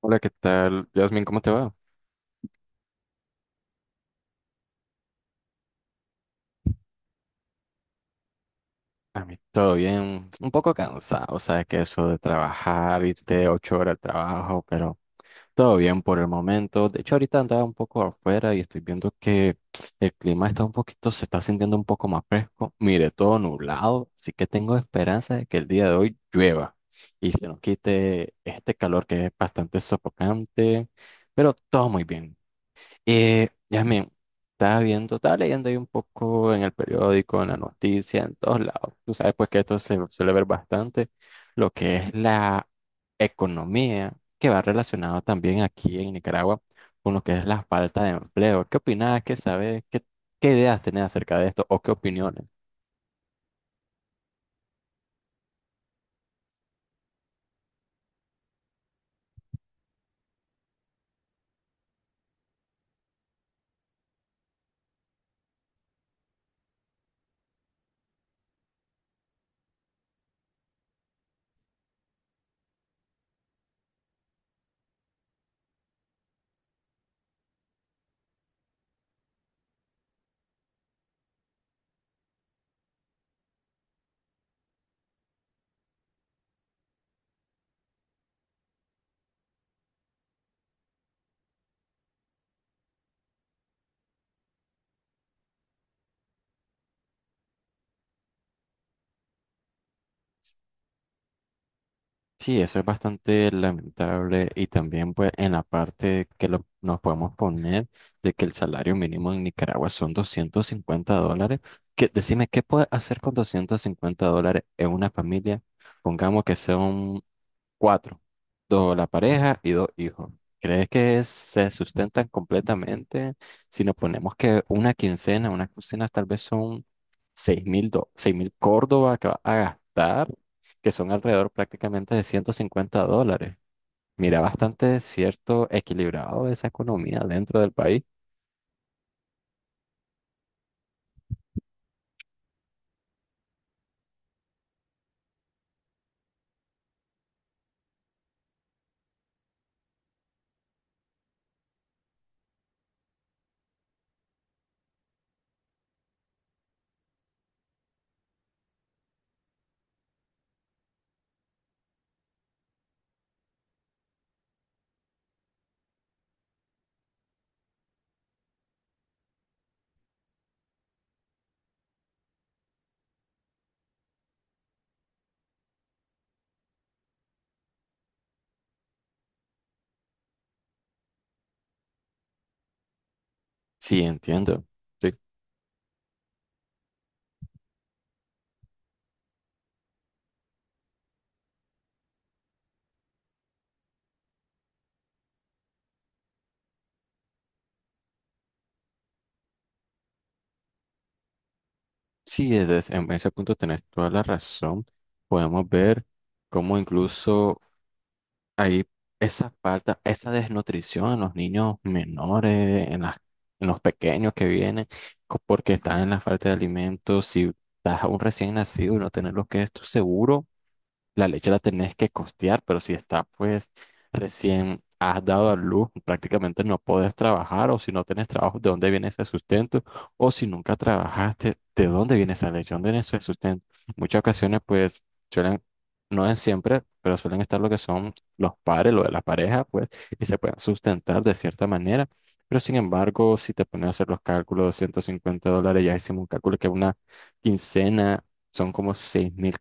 Hola, ¿qué tal? Yasmin, ¿cómo te va? A mí todo bien, un poco cansado, sabes que eso de trabajar, irte 8 horas al trabajo, pero todo bien por el momento. De hecho, ahorita andaba un poco afuera y estoy viendo que el clima está un poquito, se está sintiendo un poco más fresco. Mire, todo nublado, así que tengo esperanza de que el día de hoy llueva y se nos quite este calor que es bastante sofocante, pero todo muy bien. Yasmin, estaba viendo, estaba leyendo ahí un poco en el periódico, en la noticia, en todos lados. Tú sabes pues que esto se suele ver bastante, lo que es la economía, que va relacionado también aquí en Nicaragua con lo que es la falta de empleo. ¿Qué opinas? ¿Qué sabes? ¿Qué ideas tenés acerca de esto o qué opiniones? Sí, eso es bastante lamentable y también pues en la parte que nos podemos poner de que el salario mínimo en Nicaragua son $250, que decime, ¿qué puede hacer con $250 en una familia? Pongamos que sea cuatro, dos la pareja y dos hijos. ¿Crees que se sustentan completamente? Si nos ponemos que una quincena tal vez son 6,000 Córdoba que vas a gastar, que son alrededor prácticamente de $150. Mira, bastante cierto, equilibrado esa economía dentro del país. Sí, entiendo. Sí, sí, en ese punto tenés toda la razón. Podemos ver cómo incluso hay esa falta, esa desnutrición en los niños menores, en las, en los pequeños que vienen, porque están en la falta de alimentos. Si estás a un recién nacido y no tener lo que es tu seguro. La leche la tenés que costear, pero si está, pues, recién has dado a luz, prácticamente no podés trabajar, o si no tenés trabajo, ¿de dónde viene ese sustento? O si nunca trabajaste, ¿de dónde viene esa leche? ¿Dónde viene ese sustento? Muchas ocasiones, pues, suelen, no es siempre, pero suelen estar lo que son los padres, lo de la pareja, pues, y se pueden sustentar de cierta manera. Pero sin embargo, si te pones a hacer los cálculos de $150, ya hicimos un cálculo que una quincena son como 6,000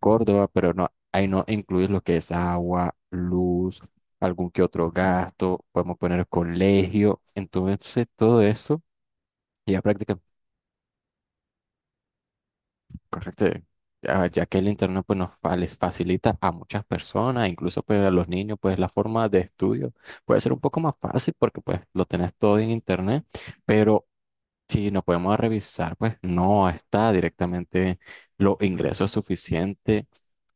Córdoba, pero no, ahí no incluir lo que es agua, luz, algún que otro gasto, podemos poner colegio. Entonces, todo eso ya prácticamente. Correcto. Ya, ya que el internet pues les facilita a muchas personas, incluso pues a los niños, pues la forma de estudio puede ser un poco más fácil porque pues lo tenés todo en internet, pero si nos podemos revisar, pues no está directamente los ingresos suficientes.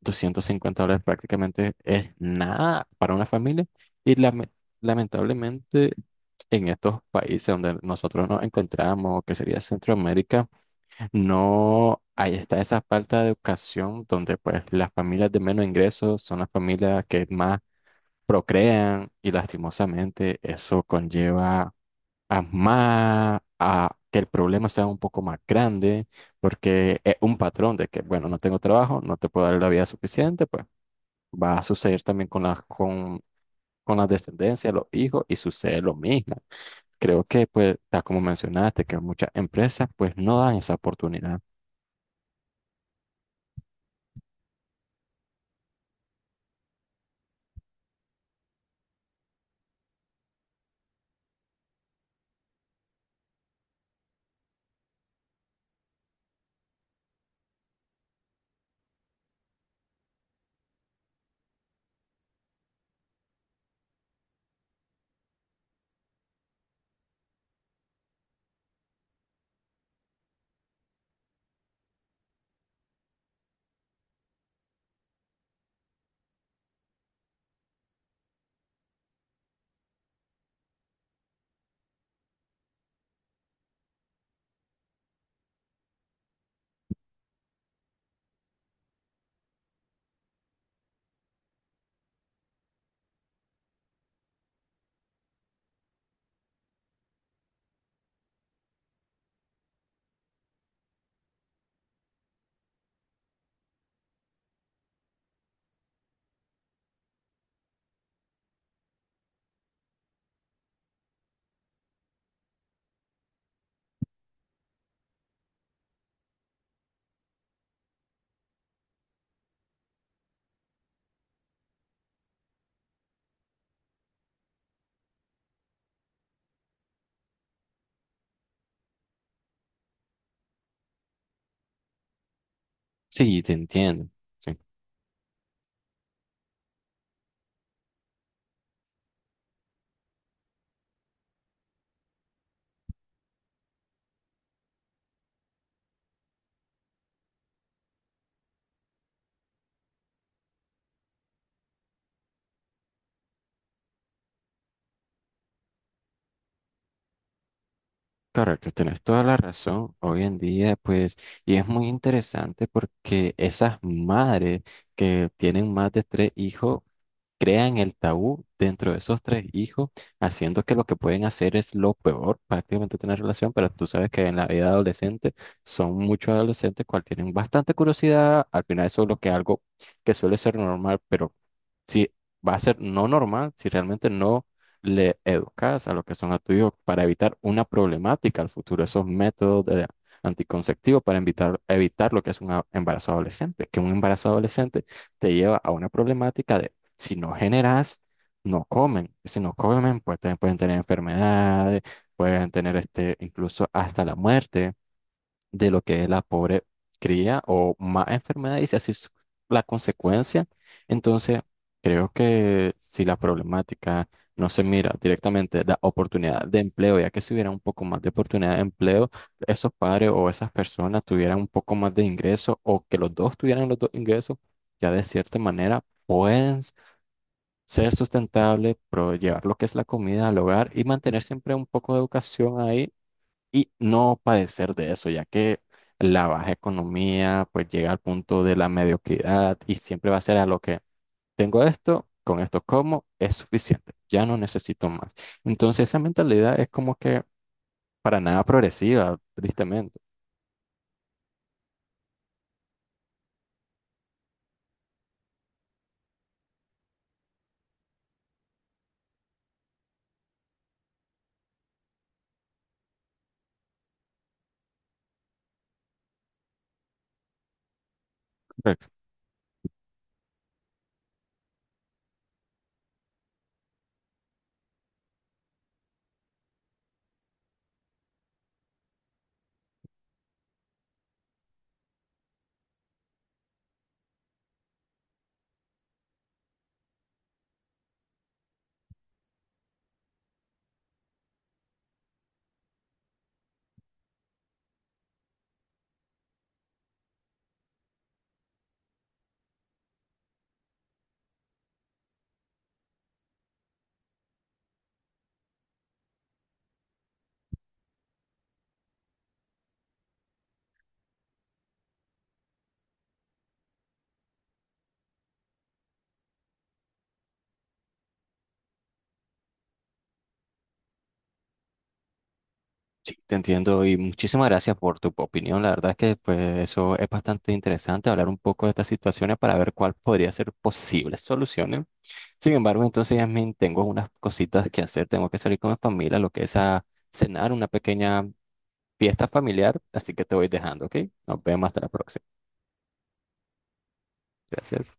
$250 prácticamente es nada para una familia y lamentablemente en estos países donde nosotros nos encontramos, que sería Centroamérica, no, ahí está esa falta de educación donde pues las familias de menos ingresos son las familias que más procrean y lastimosamente eso conlleva a más a que el problema sea un poco más grande porque es un patrón de que bueno, no tengo trabajo, no te puedo dar la vida suficiente, pues va a suceder también con las con la descendencia, los hijos, y sucede lo mismo. Creo que, pues, tal como mencionaste, que muchas empresas, pues, no dan esa oportunidad. Sí, te entiendo. Sí, correcto, tienes toda la razón. Hoy en día, pues, y es muy interesante porque esas madres que tienen más de tres hijos, crean el tabú dentro de esos tres hijos, haciendo que lo que pueden hacer es lo peor, prácticamente tener relación, pero tú sabes que en la vida adolescente son muchos adolescentes cual tienen bastante curiosidad, al final eso es lo que algo que suele ser normal, pero si va a ser no normal, si realmente no le educas a lo que son a tu hijo para evitar una problemática al futuro, esos métodos de anticonceptivos para evitar lo que es un embarazo adolescente, que un embarazo adolescente te lleva a una problemática de si no generas, no comen. Si no comen, pues pueden tener enfermedades, pueden tener este, incluso hasta la muerte de lo que es la pobre cría o más enfermedad y si así es la consecuencia. Entonces, creo que si la problemática no se mira directamente da oportunidad de empleo, ya que si hubiera un poco más de oportunidad de empleo, esos padres o esas personas tuvieran un poco más de ingresos o que los dos tuvieran los dos ingresos, ya de cierta manera pueden ser sustentable, llevar lo que es la comida al hogar y mantener siempre un poco de educación ahí y no padecer de eso, ya que la baja economía pues llega al punto de la mediocridad y siempre va a ser a lo que tengo esto, con esto como, es suficiente, ya no necesito más. Entonces esa mentalidad es como que para nada progresiva, tristemente. Sí, te entiendo y muchísimas gracias por tu opinión. La verdad es que pues, eso es bastante interesante, hablar un poco de estas situaciones para ver cuál podría ser posibles soluciones. Sin embargo, entonces, Yasmin, tengo unas cositas que hacer. Tengo que salir con mi familia, lo que es a cenar, una pequeña fiesta familiar. Así que te voy dejando, ¿ok? Nos vemos hasta la próxima. Gracias.